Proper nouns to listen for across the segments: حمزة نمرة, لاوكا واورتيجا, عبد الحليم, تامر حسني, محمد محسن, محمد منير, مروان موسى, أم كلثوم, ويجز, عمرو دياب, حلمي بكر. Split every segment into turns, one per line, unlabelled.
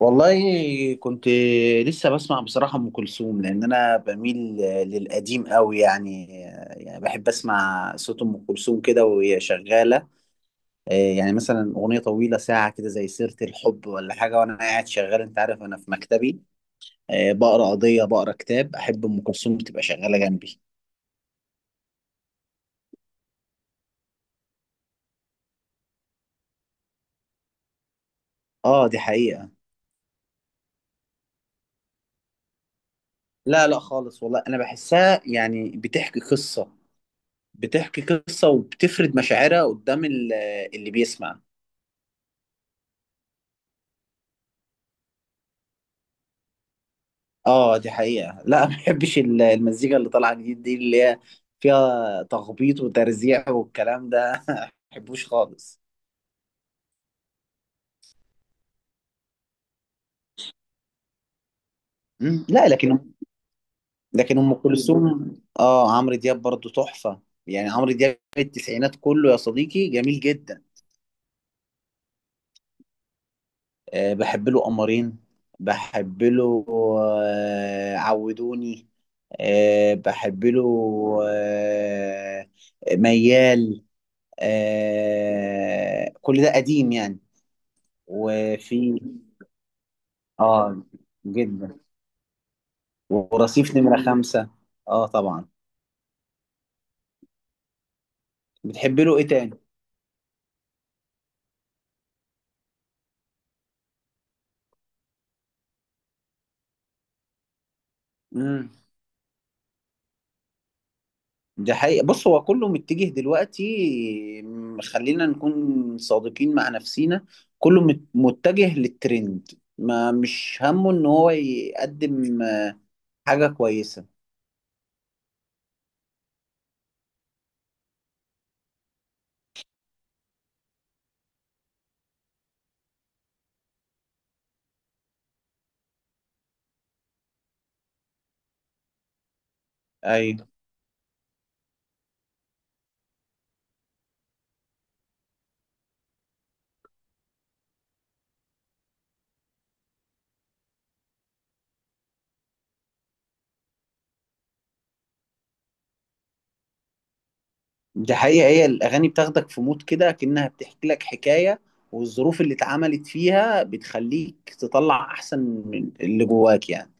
والله كنت لسه بسمع بصراحة أم كلثوم، لأن أنا بميل للقديم قوي يعني بحب أسمع صوت أم كلثوم كده وهي شغالة، إيه، يعني مثلا أغنية طويلة ساعة كده زي سيرة الحب ولا حاجة، وأنا قاعد شغال. أنت عارف أنا في مكتبي إيه، بقرأ قضية، بقرأ كتاب، أحب أم كلثوم تبقى شغالة جنبي. آه دي حقيقة. لا لا خالص والله، أنا بحسها يعني بتحكي قصة وبتفرد مشاعرها قدام اللي بيسمع. اه دي حقيقة، لا ما بحبش المزيكا اللي طالعة جديد دي، اللي هي فيها تخبيط وترزيع والكلام ده ما بحبوش خالص. مم. لا، لكن ام كلثوم. اه عمرو دياب برضو تحفة، يعني عمرو دياب التسعينات كله يا صديقي جميل جدا. أه بحب له قمرين، بحب له، آه عودوني، أه بحب له، آه ميال، آه كل ده قديم يعني. وفي اه جدا، ورصيف نمرة خمسة. اه طبعا. بتحب له ايه تاني؟ امم ده حقيقة. بص، هو كله متجه دلوقتي، خلينا نكون صادقين مع نفسينا، كله متجه للترند، ما مش همه ان هو يقدم حاجة كويسة. ايوه دي حقيقة، هي الاغاني بتاخدك في مود كده كأنها بتحكي لك حكاية، والظروف اللي اتعملت فيها بتخليك تطلع احسن من اللي جواك يعني.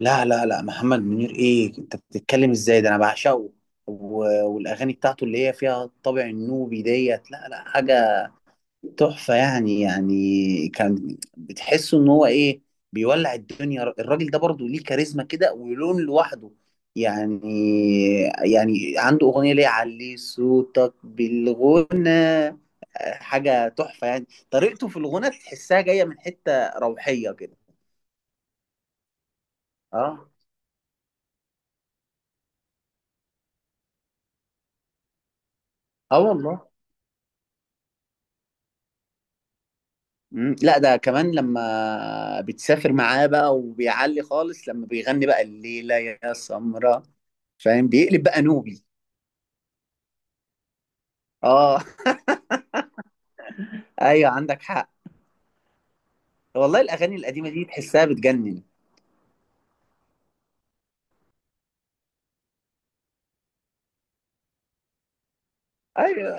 لا لا لا محمد منير، ايه انت بتتكلم ازاي؟ ده انا بعشقه. والاغاني بتاعته اللي هي فيها الطابع النوبي ديت، لا لا، حاجه تحفه يعني. يعني كان بتحسه ان هو ايه؟ بيولع الدنيا. الراجل ده برضه ليه كاريزما كده، ولون لوحده يعني. يعني عنده اغنيه اللي هي علي صوتك بالغنى، حاجه تحفه يعني. طريقته في الغنى تحسها جايه من حته روحيه كده. اه. اه والله. مم. لا، ده كمان لما بتسافر معاه بقى وبيعلي خالص لما بيغني بقى الليلة يا سمرة، فاهم؟ بيقلب بقى نوبي. اه. ايوه عندك حق. والله الاغاني القديمة دي تحسها بتجنن. ايوه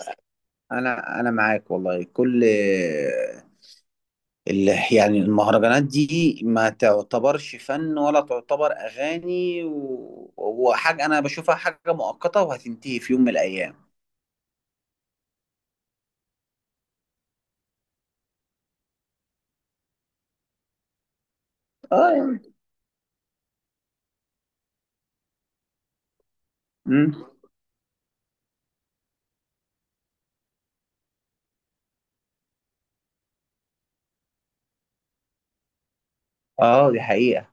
انا معاك والله. كل يعني المهرجانات دي ما تعتبرش فن، ولا تعتبر اغاني، وحاجة، انا بشوفها حاجة مؤقتة وهتنتهي في يوم من الايام. اه. مم. اه دي حقيقة.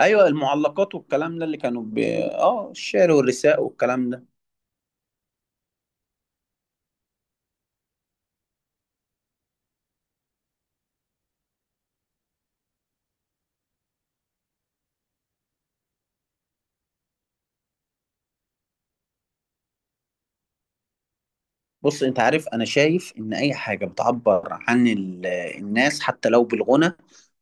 ايوه المعلقات والكلام ده اللي كانوا ب... اه الشعر والرثاء والكلام ده. بص انت عارف، انا شايف ان اي حاجه بتعبر عن الناس حتى لو بالغنى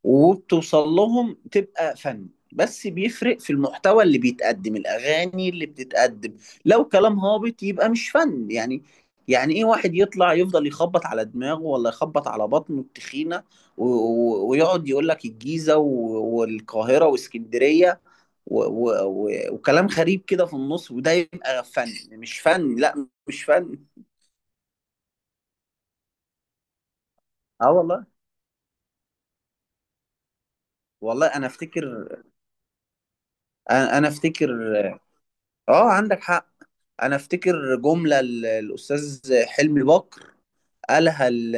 وبتوصل لهم تبقى فن، بس بيفرق في المحتوى اللي بيتقدم. الاغاني اللي بتتقدم لو كلام هابط يبقى مش فن يعني. يعني ايه، واحد يطلع يفضل يخبط على دماغه ولا يخبط على بطنه التخينه، ويقعد يقول لك الجيزه والقاهره واسكندريه و وكلام غريب كده في النص، وده يبقى فن؟ مش فن، لا مش فن. اه والله. والله انا افتكر. انا افتكر. اه عندك حق. انا افتكر جملة الاستاذ حلمي بكر، قالها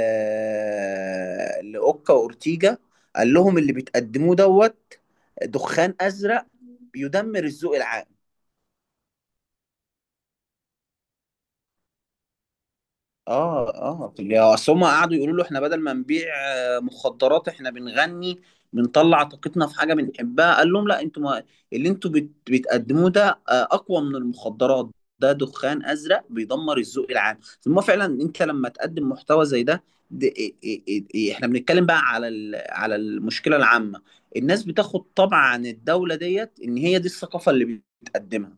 لاوكا واورتيجا، قال لهم اللي بتقدموه دوت، دخان ازرق بيدمر الذوق العام. اه اه. يا اصل هم قعدوا يقولوا له احنا بدل ما نبيع مخدرات، احنا بنغني، بنطلع طاقتنا في حاجه بنحبها. قال لهم لا، انتوا ما، اللي انتوا بتقدموه ده اقوى من المخدرات، ده دخان ازرق بيدمر الذوق العام. ثم فعلا انت لما تقدم محتوى زي ده، ده إيه إيه إيه إيه؟ احنا بنتكلم بقى على على المشكله العامه، الناس بتاخد طبع عن الدوله ديت ان هي دي الثقافه اللي بتقدمها.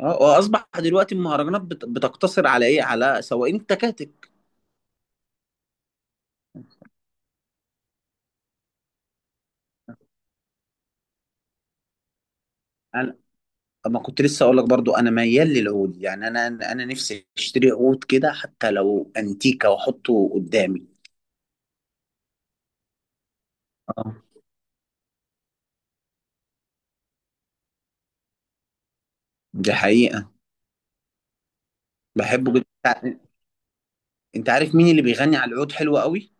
اه. واصبح دلوقتي المهرجانات بتقتصر على ايه؟ على سواقين التكاتك. انا ما كنت لسه اقول لك برضو، انا ميال للعود يعني. انا نفسي اشتري عود كده حتى لو انتيكه واحطه قدامي. اه دي حقيقه. بحبه جدا. انت أنت عارف مين اللي بيغني على العود حلو قوي؟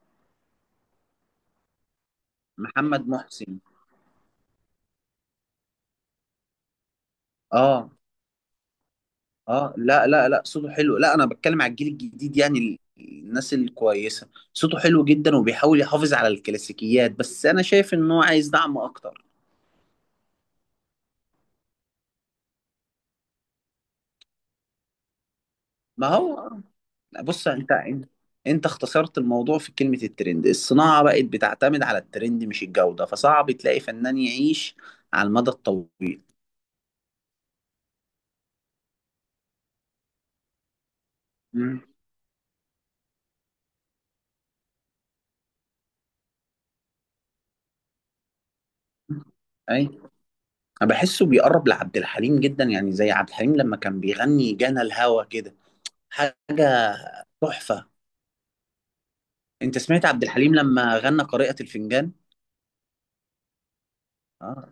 محمد محسن. اه اه. لا لا لا، صوته حلو. لا، انا بتكلم على الجيل الجديد، يعني الناس الكويسه. صوته حلو جدا، وبيحاول يحافظ على الكلاسيكيات. بس انا شايف ان هو عايز دعم اكتر. ما هو آه. بص انت اختصرت الموضوع في كلمة الترند. الصناعة بقت بتعتمد على الترند مش الجودة، فصعب تلاقي فنان يعيش على المدى الطويل. مم. اي. انا بحسه بيقرب لعبد الحليم جدا، يعني زي عبد الحليم لما كان بيغني جانا الهوى كده، حاجة تحفة. انت سمعت عبد الحليم لما غنى قارئة الفنجان؟ اه.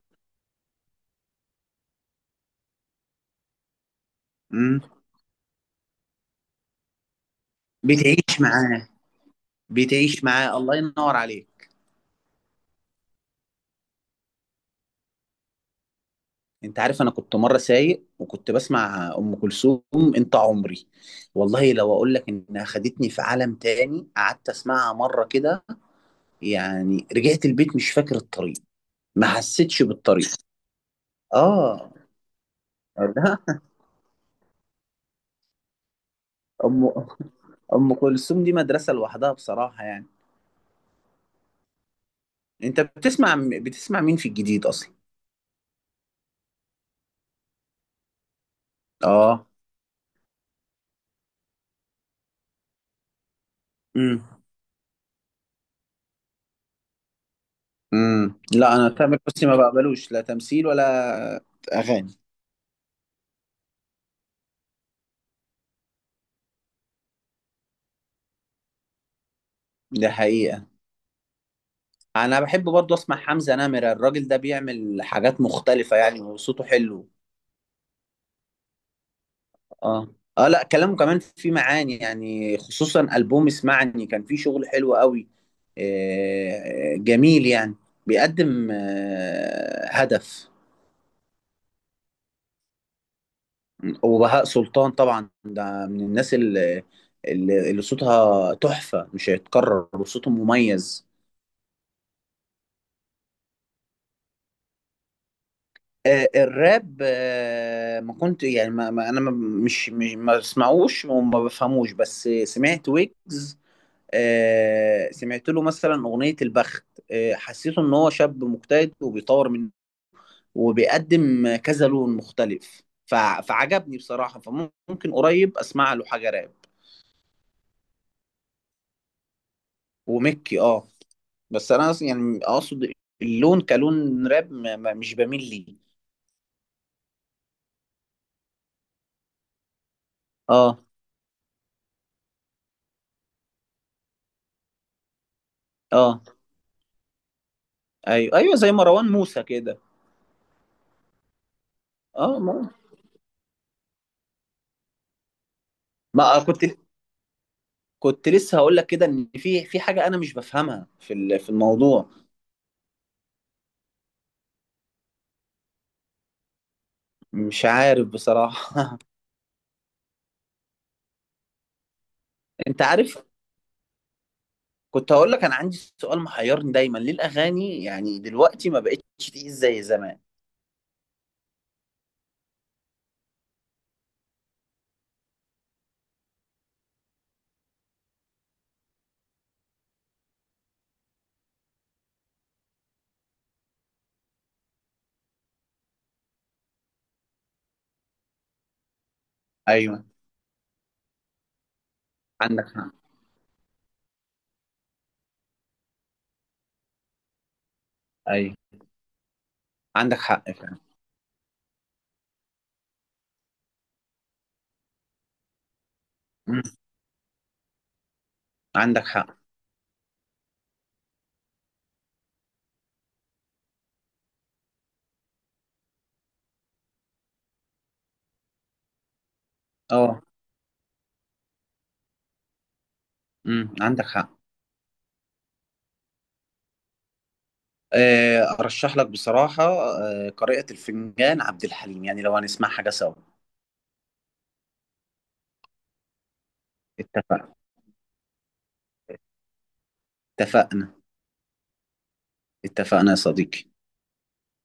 امم بتعيش معاه. بتعيش معاه، الله ينور عليك. انت عارف، انا كنت مره سايق وكنت بسمع ام كلثوم، انت عمري، والله لو اقول لك انها خدتني في عالم تاني. قعدت اسمعها مره كده يعني، رجعت البيت مش فاكر الطريق، ما حسيتش بالطريق. اه. لا. ام ام كلثوم دي مدرسه لوحدها بصراحه يعني. انت بتسمع مين في الجديد اصلا؟ اه. امم لا، انا تامر حسني ما بقبلوش، لا تمثيل ولا اغاني. ده حقيقه. انا بحب برضه اسمع حمزة نمرة، الراجل ده بيعمل حاجات مختلفة يعني، وصوته حلو. اه اه. لا كلامه كمان فيه معاني يعني، خصوصا ألبوم اسمعني كان فيه شغل حلو قوي، جميل يعني. بيقدم هدف. وبهاء سلطان طبعا، ده من الناس اللي صوتها تحفة مش هيتكرر، وصوته مميز. الراب، ما كنت يعني، انا مش ما بسمعوش وما بفهموش، بس سمعت ويجز. سمعت له مثلا اغنيه البخت، حسيته ان هو شاب مجتهد، وبيطور من وبيقدم كذا لون مختلف، فعجبني بصراحه، فممكن قريب اسمع له حاجه راب. ومكي اه. بس انا يعني اقصد اللون كلون راب مش بميل ليه. اه اه. ايوه ايوه زي مروان موسى كده. اه، ما كنت لسه هقول لك كده، ان في حاجه انا مش بفهمها في في الموضوع. مش عارف بصراحه. انت عارف، كنت هقول لك انا عندي سؤال محيرني دايما، ليه الاغاني يعني دلوقتي ما بقتش تقيل زي زمان؟ ايوه عندك حق. ايوه عندك حق فعلا. مم. عندك حق. اه. عندك حق. ارشح لك بصراحه قارئة الفنجان عبد الحليم، يعني لو هنسمع حاجه سوا. اتفقنا. اتفقنا. اتفقنا يا صديقي.